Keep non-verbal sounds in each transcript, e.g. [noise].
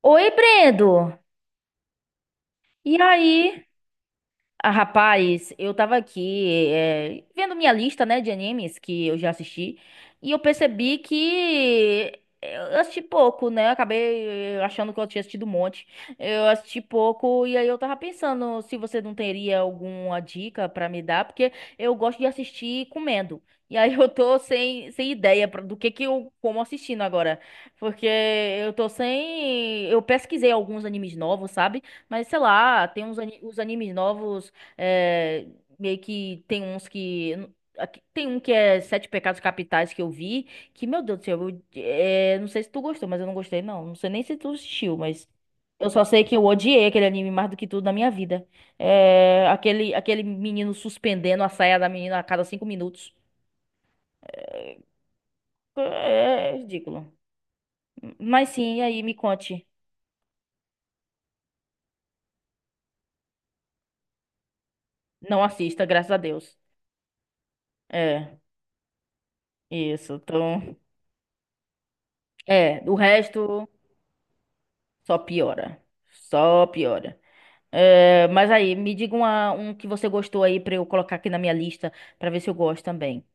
Oi, Brendo. E aí? Ah, rapaz, eu tava aqui vendo minha lista, né, de animes que eu já assisti e eu percebi que eu assisti pouco, né? Eu acabei achando que eu tinha assistido um monte. Eu assisti pouco e aí eu tava pensando se você não teria alguma dica pra me dar, porque eu gosto de assistir comendo. E aí eu tô sem ideia do que eu como assistindo agora, porque eu tô sem, eu pesquisei alguns animes novos, sabe? Mas sei lá, tem os animes novos é, meio que tem uns que. Tem um que é Sete Pecados Capitais que eu vi, que, meu Deus do céu, não sei se tu gostou, mas eu não gostei, não. Não sei nem se tu assistiu, mas eu só sei que eu odiei aquele anime mais do que tudo na minha vida. É, aquele menino suspendendo a saia da menina a cada 5 minutos. É, é ridículo. Mas sim, e aí me conte. Não assista, graças a Deus. É, isso. Então, o resto só piora. Só piora. É, mas aí, me diga um que você gostou aí pra eu colocar aqui na minha lista pra ver se eu gosto também.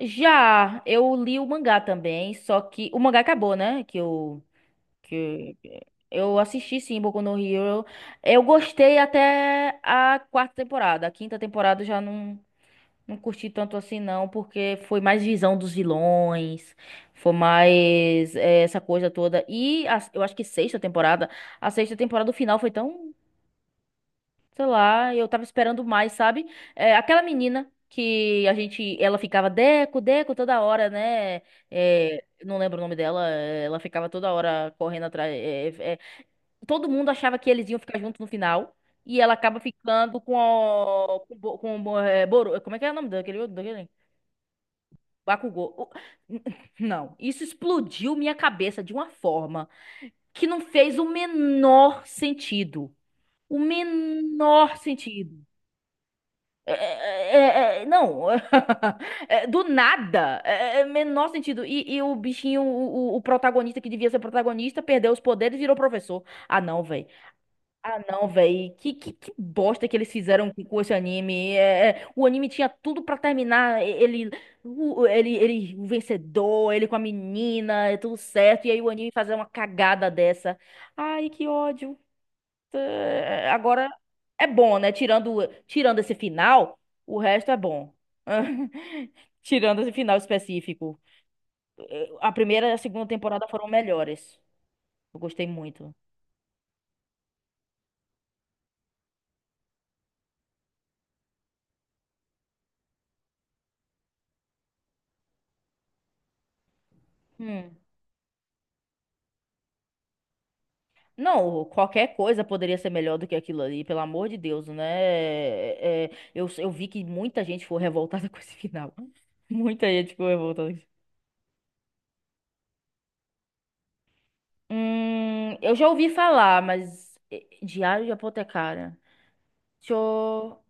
Já, eu li o mangá também, só que o mangá acabou, né? Que eu assisti sim, Boku no Hero. Eu gostei até a quarta temporada. A quinta temporada eu já não curti tanto assim não, porque foi mais visão dos vilões, foi mais essa coisa toda. Eu acho que sexta temporada, a sexta temporada do final foi tão. Sei lá, eu tava esperando mais, sabe? É, aquela menina que a gente, ela ficava Deco, Deco toda hora, né? É, não lembro o nome dela, ela ficava toda hora correndo atrás. É, é, Todo mundo achava que eles iam ficar juntos no final e ela acaba ficando com o, como é que é o nome daquele? Bakugou. [laughs] Não, isso explodiu minha cabeça de uma forma que não fez o menor sentido. O menor sentido. É, não, [laughs] É, do nada, menor sentido. E o bichinho, o protagonista que devia ser protagonista, perdeu os poderes e virou professor. Ah, não, velho. Ah, não, velho. Que bosta que eles fizeram aqui com esse anime. É, o anime tinha tudo pra terminar. Ele, o vencedor, ele com a menina, é tudo certo. E aí o anime fazer uma cagada dessa. Ai, que ódio. É, agora é bom, né? Tirando esse final, o resto é bom. [laughs] Tirando esse final específico. A primeira e a segunda temporada foram melhores. Eu gostei muito. Hum. Não, qualquer coisa poderia ser melhor do que aquilo ali, pelo amor de Deus, né? É, eu vi que muita gente foi revoltada [laughs] com esse final. Muita gente ficou revoltada. Eu já ouvi falar, mas Diário de Apotecária. Deixa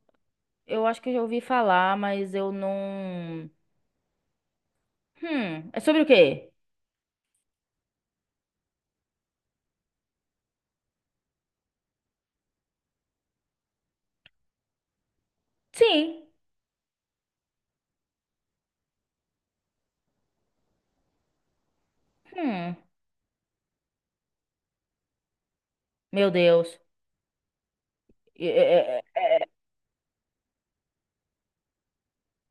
eu acho que eu já ouvi falar, mas eu não. É sobre o quê? Sim. Hum, meu Deus. É, é- é-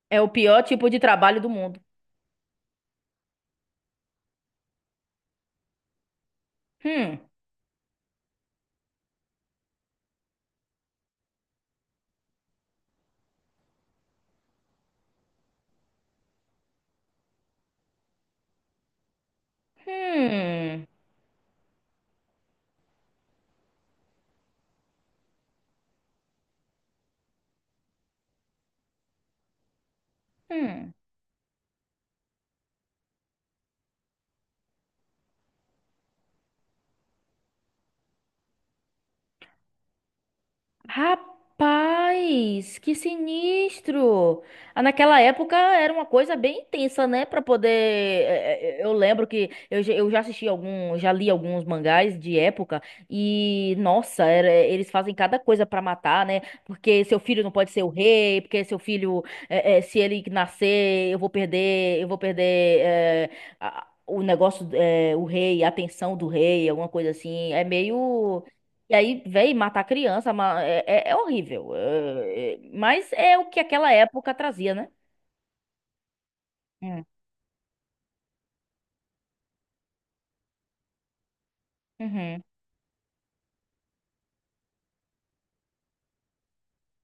É o pior tipo de trabalho do mundo. Hum, hum, hum. Rapaz, que sinistro! Ah, naquela época era uma coisa bem intensa, né? Pra poder. Eu lembro que eu já assisti algum, já li alguns mangás de época e, nossa, eles fazem cada coisa pra matar, né? Porque seu filho não pode ser o rei, porque seu filho, se ele nascer, eu vou perder, eu vou perder. O negócio, o rei, a atenção do rei, alguma coisa assim. É meio. E aí, véi, matar criança é horrível. Mas é o que aquela época trazia, né? Hum. Uhum,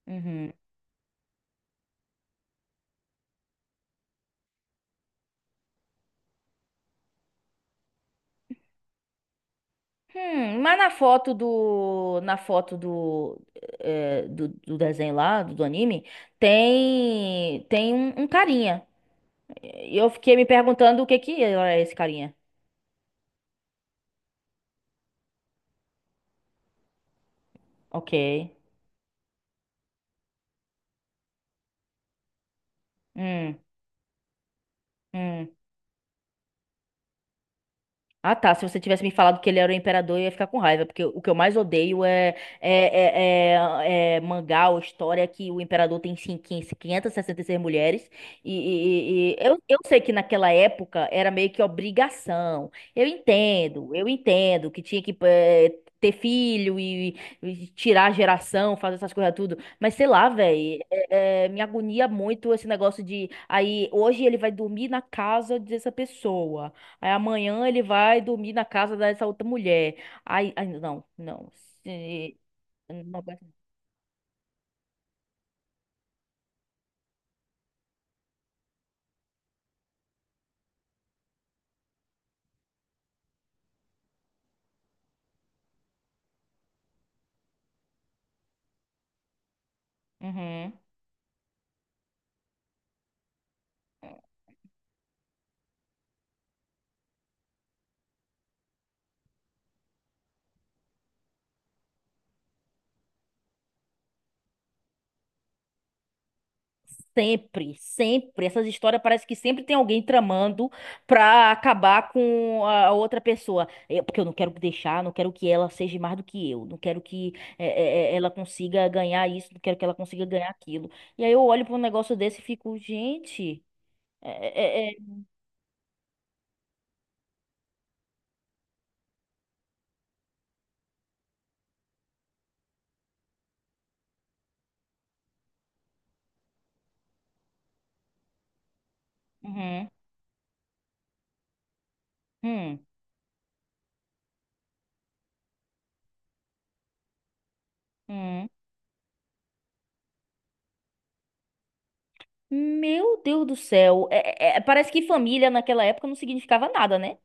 uhum. Mas na foto do, do desenho lá, do anime, tem um carinha. E eu fiquei me perguntando o que que era esse carinha. Ok. Hum, hum. Ah, tá. Se você tivesse me falado que ele era o imperador, eu ia ficar com raiva, porque o que eu mais odeio é mangá ou história que o imperador tem 15.566 mulheres. Eu sei que naquela época era meio que obrigação. Eu entendo que tinha que ter filho e tirar a geração, fazer essas coisas tudo. Mas sei lá, velho, me agonia muito esse negócio de. Aí hoje ele vai dormir na casa dessa pessoa. Aí amanhã ele vai dormir na casa dessa outra mulher. Aí, não, não. Se- não vai- Uhum. Sempre, sempre. Essas histórias parece que sempre tem alguém tramando pra acabar com a outra pessoa. Porque eu não quero deixar, não quero que ela seja mais do que eu. Não quero que ela consiga ganhar isso, não quero que ela consiga ganhar aquilo. E aí eu olho pra um negócio desse e fico, gente. É, é, é, uhum, hum, hum. Meu Deus do céu. Parece que família naquela época não significava nada, né?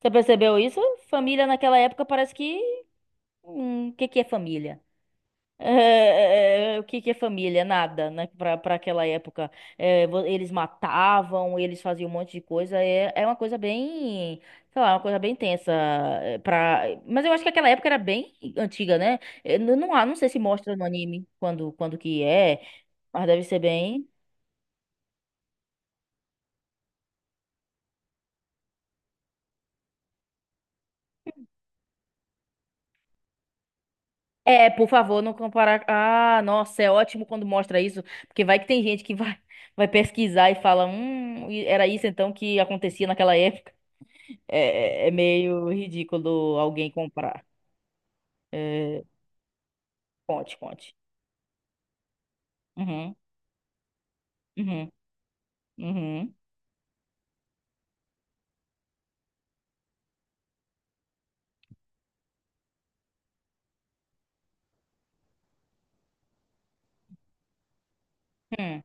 Você percebeu isso? Família naquela época parece que. O que que é família? [laughs] É, o que que é família? Nada, né? Pra aquela época. É, eles matavam, eles faziam um monte de coisa. É, é uma coisa bem. Sei lá, uma coisa bem tensa. Mas eu acho que aquela época era bem antiga, né? É, não, não, não sei se mostra no anime quando que é, mas deve ser bem. É, por favor, não comparar. Ah, nossa, é ótimo quando mostra isso, porque vai que tem gente que vai, [laughs] vai pesquisar e fala, e era isso então que acontecia naquela época. É meio ridículo alguém comprar. É, conte, conte. Uhum, uhum, uhum, hum.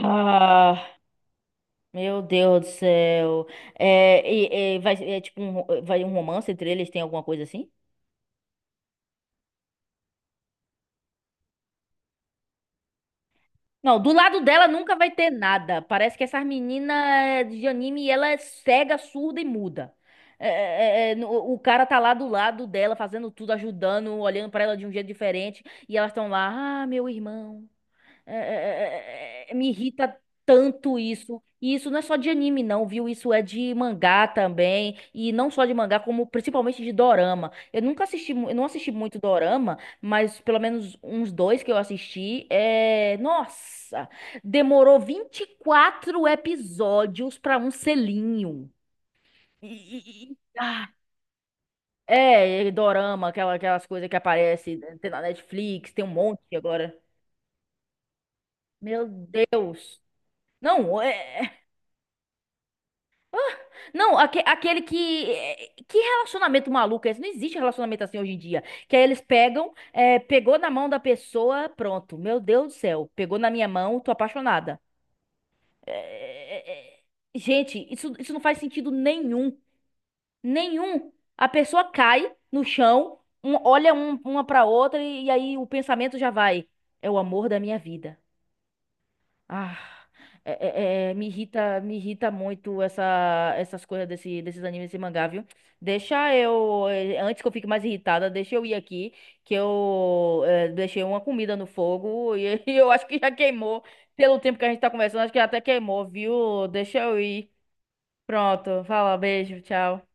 Ah, meu Deus do céu. E vai, é tipo vai um romance entre eles, tem alguma coisa assim? Não, do lado dela nunca vai ter nada. Parece que essas meninas de anime, ela é cega, surda e muda. É, o cara tá lá do lado dela, fazendo tudo, ajudando, olhando pra ela de um jeito diferente. E elas estão lá, ah, meu irmão. É, me irrita tanto isso. E isso não é só de anime, não, viu? Isso é de mangá também. E não só de mangá, como principalmente de dorama. Eu nunca assisti, eu não assisti muito dorama, mas pelo menos uns dois que eu assisti. É... Nossa! Demorou 24 episódios pra um selinho. E, e- e- ah, e dorama, aquelas coisas que aparecem, né? Tem na Netflix, tem um monte agora. Meu Deus! Não, não, aquele que. Que relacionamento maluco é esse? Não existe relacionamento assim hoje em dia. Que aí eles pegam, pegou na mão da pessoa, pronto. Meu Deus do céu, pegou na minha mão, tô apaixonada. Eh, Gente, isso não faz sentido nenhum. Nenhum. A pessoa cai no chão, olha uma pra outra e aí o pensamento já vai. É o amor da minha vida. Ah, me irrita muito essas coisas desses animes, desse mangá, viu? Deixa eu, antes que eu fique mais irritada, deixa eu ir aqui, que eu deixei uma comida no fogo e [laughs] eu acho que já queimou. Pelo tempo que a gente tá conversando, acho que até queimou, viu? Deixa eu ir. Pronto, fala, beijo, tchau.